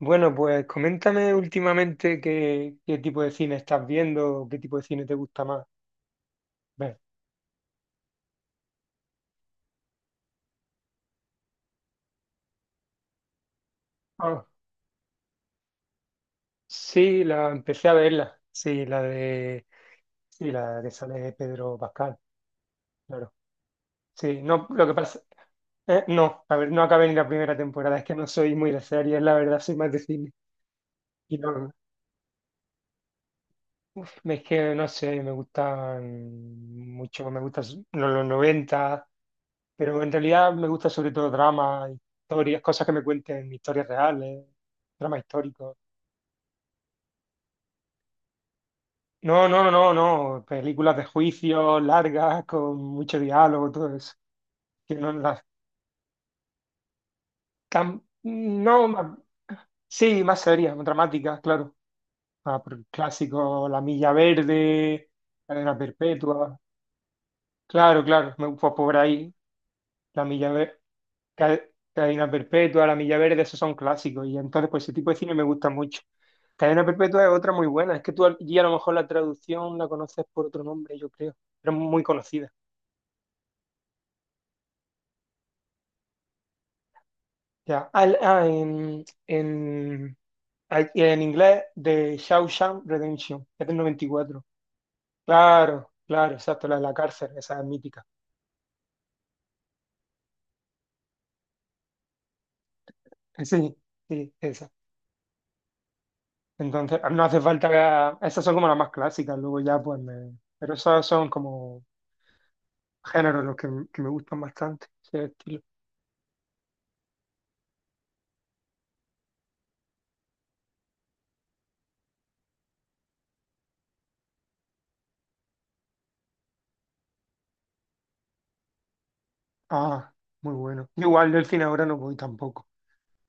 Bueno, pues coméntame últimamente qué tipo de cine estás viendo, o qué tipo de cine te gusta más ver. Ah, sí, la empecé a verla. Sí, sí, la que sale Pedro Pascal, claro. Sí, no, lo que pasa, no, a ver, no acabé ni la primera temporada, es que no soy muy de series, la verdad, soy más de cine. Y no, es que no sé, me gustan mucho, me gustan los 90, pero en realidad me gusta sobre todo drama, historias, cosas que me cuenten historias reales, dramas históricos. No, no, no, no, no, películas de juicio largas, con mucho diálogo, todo eso. Que no, no, sí, más serias, más dramáticas, claro. Ah, pero el clásico, La Milla Verde, Cadena Perpetua. Claro, claro, pues por ahí. la milla verde, Cadena Perpetua, La Milla Verde, esos son clásicos. Y entonces, pues ese tipo de cine me gusta mucho. Cadena Perpetua es otra muy buena. Es que tú allí a lo mejor la traducción la conoces por otro nombre, yo creo. Pero es muy conocida. Ya. En inglés, de Shawshank Redemption, es del noventa y cuatro. Claro, claro, exacto, la de la cárcel, esa es mítica. Sí, sí, esa. Entonces, no hace falta que... Esas son como las más clásicas, luego ya pues pero esas son como géneros los que me gustan bastante, ese estilo. Ah, muy bueno. Igual del cine ahora no voy tampoco.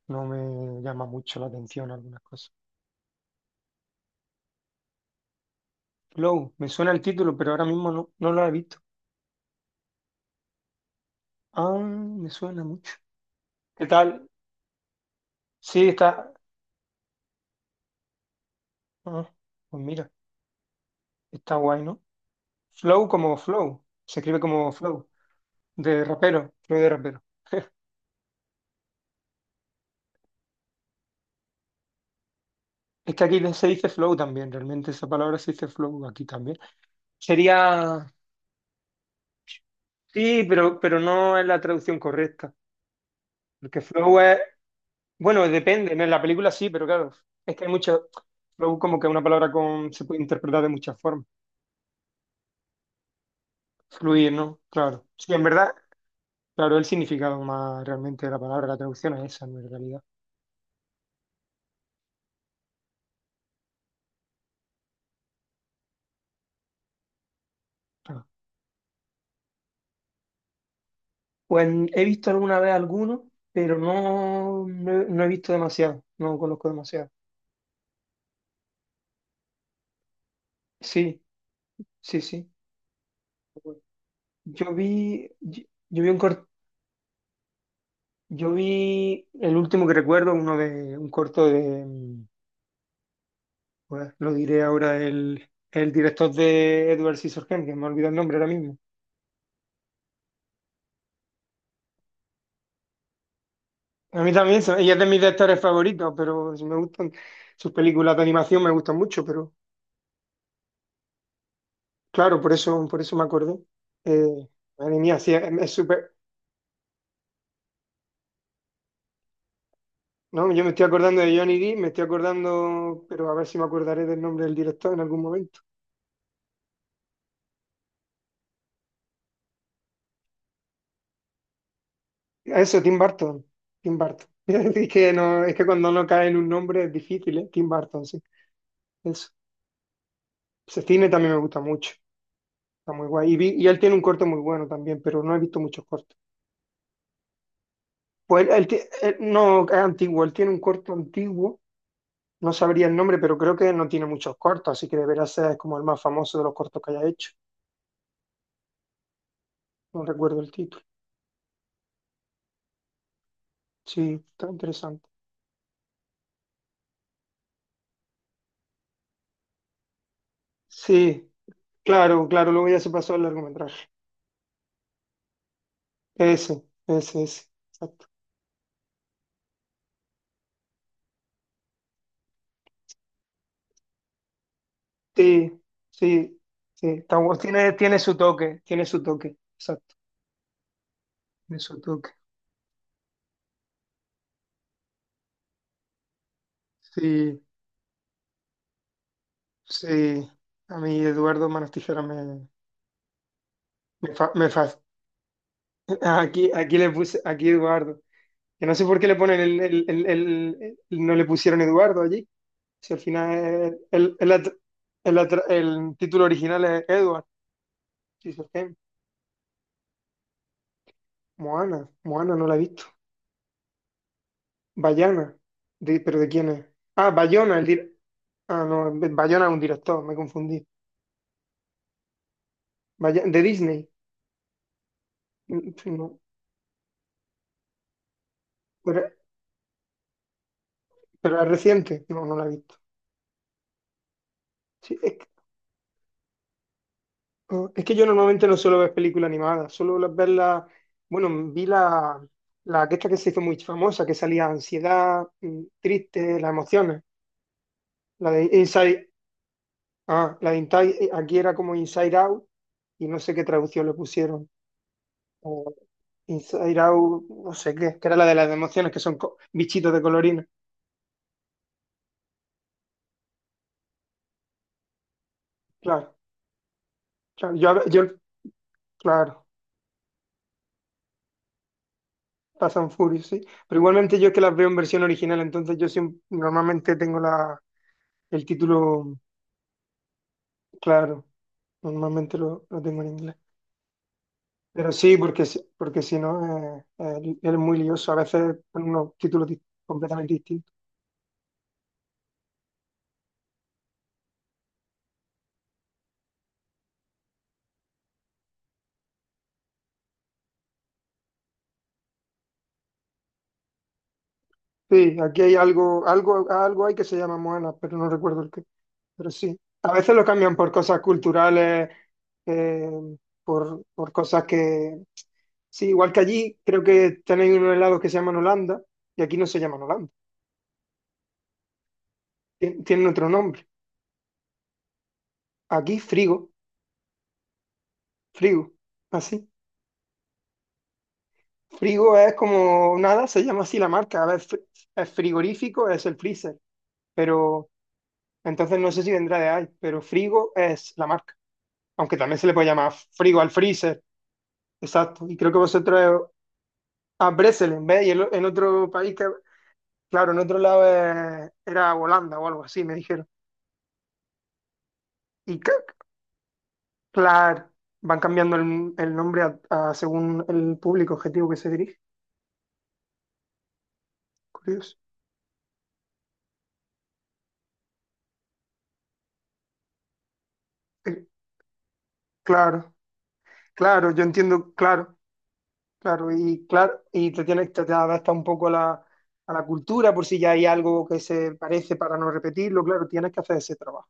No me llama mucho la atención algunas cosas. Flow, me suena el título, pero ahora mismo no lo he visto. Ah, me suena mucho. ¿Qué tal? Sí, está. ah, pues mira, está guay, ¿no? Flow como Flow. Se escribe como Flow. De rapero, Flow de rapero. Es que aquí se dice Flow también, realmente esa palabra se dice Flow aquí también. Sería. Sí, pero no es la traducción correcta. Porque Flow es, bueno, depende, ¿no? En la película sí, pero claro, es que hay mucho, Flow como que es una palabra con, se puede interpretar de muchas formas. Fluir, ¿no? Claro. Sí, en verdad, claro, el significado más realmente de la palabra, la traducción es esa, no en realidad. Claro. Pues he visto alguna vez alguno, pero no, he no he visto demasiado, no conozco demasiado. Sí, sí, sí. Yo vi, yo vi un cor- Yo vi el último que recuerdo, un corto de... Pues lo diré ahora el director de Edward Scissorhands, que me olvidado el nombre ahora mismo. A mí también, ella es de mis directores favoritos, pero si me gustan sus películas de animación, me gustan mucho, pero claro, por eso me acordé. Eh, Madre mía, sí, es súper... No, yo me estoy acordando de Johnny Depp, me estoy acordando, pero a ver si me acordaré del nombre del director en algún momento. Eso, Tim Burton, Tim Burton. Es que, no, es que cuando no cae en un nombre es difícil, ¿eh? Tim Burton, sí. Eso. Ese cine también me gusta mucho. Está muy guay. Y él tiene un corto muy bueno también, pero no he visto muchos cortos. Pues no, es antiguo, él tiene un corto antiguo, no sabría el nombre, pero creo que no tiene muchos cortos, así que deberá ser como el más famoso de los cortos que haya hecho. No recuerdo el título. Sí, está interesante. Sí, claro, claro, luego ya se pasó al largometraje. Ese, ese, ese. Exacto. Sí, sí, sí. Está guay. Tiene su toque, tiene su toque. Exacto, tiene su toque. Sí, sí. A mí Eduardo Manos Tijeras me, Me fa- me fas- Aquí le puse, aquí Eduardo. Que no sé por qué le ponen no le pusieron Eduardo allí. Si al final el, at- el atra- el título original es Edward. Dice, Moana, Moana no la he visto. Bayana, ¿pero de quién es? Ah, Bayona, no, Bayona es un director, me confundí. De Disney. Mm, sí, no. Pero, pero es reciente, no la he visto. Sí. Ah, es que yo normalmente no suelo ver películas animadas, suelo verlas, bueno, vi la que esta que se hizo muy famosa, que salía ansiedad, triste, las emociones, la de Inside, la de Inside, aquí era como Inside Out y no sé qué traducción le pusieron, o Inside Out, no sé qué, que era la de las emociones, que son bichitos de colorina, claro, claro, yo, claro, pasan Furious, sí, pero igualmente yo es que las veo en versión original, entonces yo siempre, normalmente tengo la, el título... Claro, normalmente lo tengo en inglés. Pero sí, porque si no, es muy lioso. A veces con unos títulos completamente distintos. Sí, aquí hay algo, algo, algo hay que se llama Moana, pero no recuerdo el qué. Pero sí, a veces lo cambian por cosas culturales, eh, por cosas que... Sí, igual que allí, creo que tenéis unos helados que se llaman Holanda y aquí no se llaman Holanda. Tienen otro nombre. Aquí, frigo, frigo, así. Frigo es como nada, se llama así la marca. A ver, es frigorífico, es el freezer, pero entonces no sé si vendrá de ahí, pero frigo es la marca. Aunque también se le puede llamar frigo al freezer, exacto. Y creo que vosotros a Breselen, ¿ves? Otro país que, claro, en otro lado era Holanda o algo así, me dijeron. Y ca- claro, van cambiando el nombre a según el público objetivo que se dirige. Curioso. Eh, Claro, claro, yo entiendo, claro. Claro, y claro, y te adapta un poco a la cultura por si ya hay algo que se parece para no repetirlo, claro, tienes que hacer ese trabajo.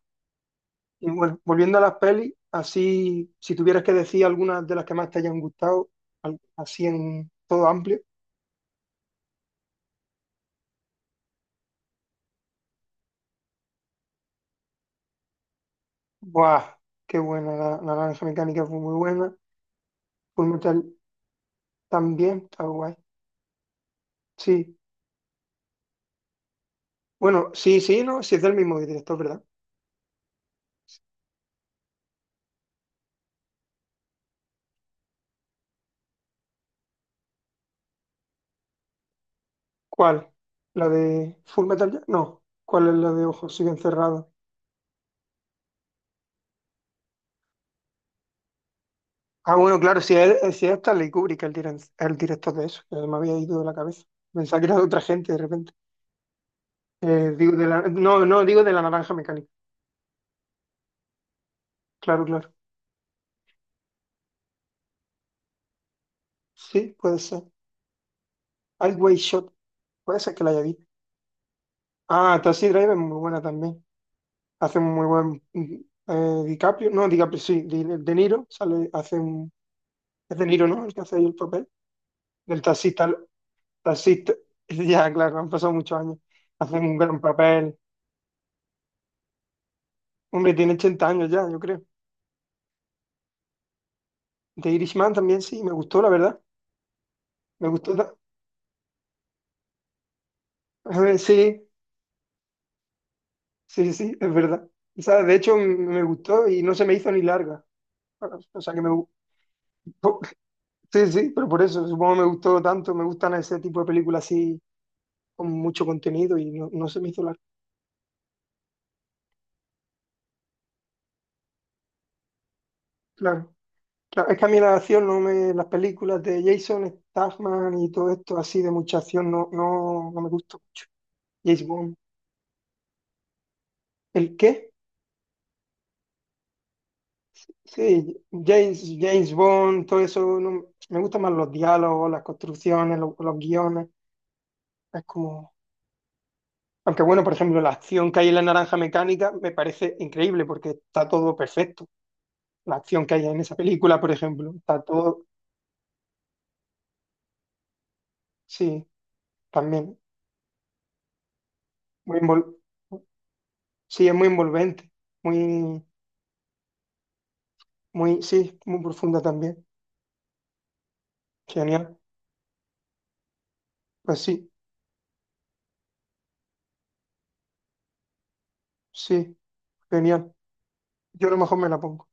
Y bueno, volviendo a las pelis, así, si tuvieras que decir algunas de las que más te hayan gustado, así en todo amplio, ¡Buah! Qué buena, La Naranja Mecánica fue muy buena, Full Metal también, está guay. Sí, bueno, sí, sí, no, sí es del mismo director, ¿verdad? ¿Cuál? ¿La de Full Metal? No, ¿cuál es la de Ojos siguen cerrados? Ah, bueno, claro, si es Stanley Kubrick el director de eso, que me había ido de la cabeza. Pensaba que era de otra gente de repente. Digo de la, no, no, digo de La Naranja Mecánica. Claro, claro. Sí, puede ser. Highway Shot, puede ser que la haya visto. Ah, Taxi Driver es muy buena también. Hace un muy buen DiCaprio, no, DiCaprio sí, De Niro, sale, hace un, es De Niro, ¿no? El que hace ahí el papel. Del taxista, taxista. Ya, claro, han pasado muchos años. Hace un gran papel. Hombre, tiene 80 años ya, yo creo. The Irishman también sí, me gustó, la verdad. Me gustó. Sí, sí, sí, sí, es verdad. O sea, de hecho, me gustó y no se me hizo ni larga. Bueno, o sea, que me gustó. Sí, sí, pero por eso, supongo que me gustó tanto. Me gustan ese tipo de películas así, con mucho contenido y no se me hizo larga. Claro, claro. Es que a mí la acción, no me, las películas de Jason Statham y todo esto así de mucha acción, no, no, no me gustó. James Bond. ¿El qué? Sí, James Bond, todo eso, me gustan más los diálogos, las construcciones, los guiones. Es como, aunque bueno, por ejemplo, la acción que hay en La Naranja Mecánica me parece increíble porque está todo perfecto. La acción que hay en esa película, por ejemplo, está todo, sí, también muy invol, sí, es muy envolvente, muy, muy, sí, muy profunda también. Genial, pues sí, sí, genial. Yo a lo mejor me la pongo.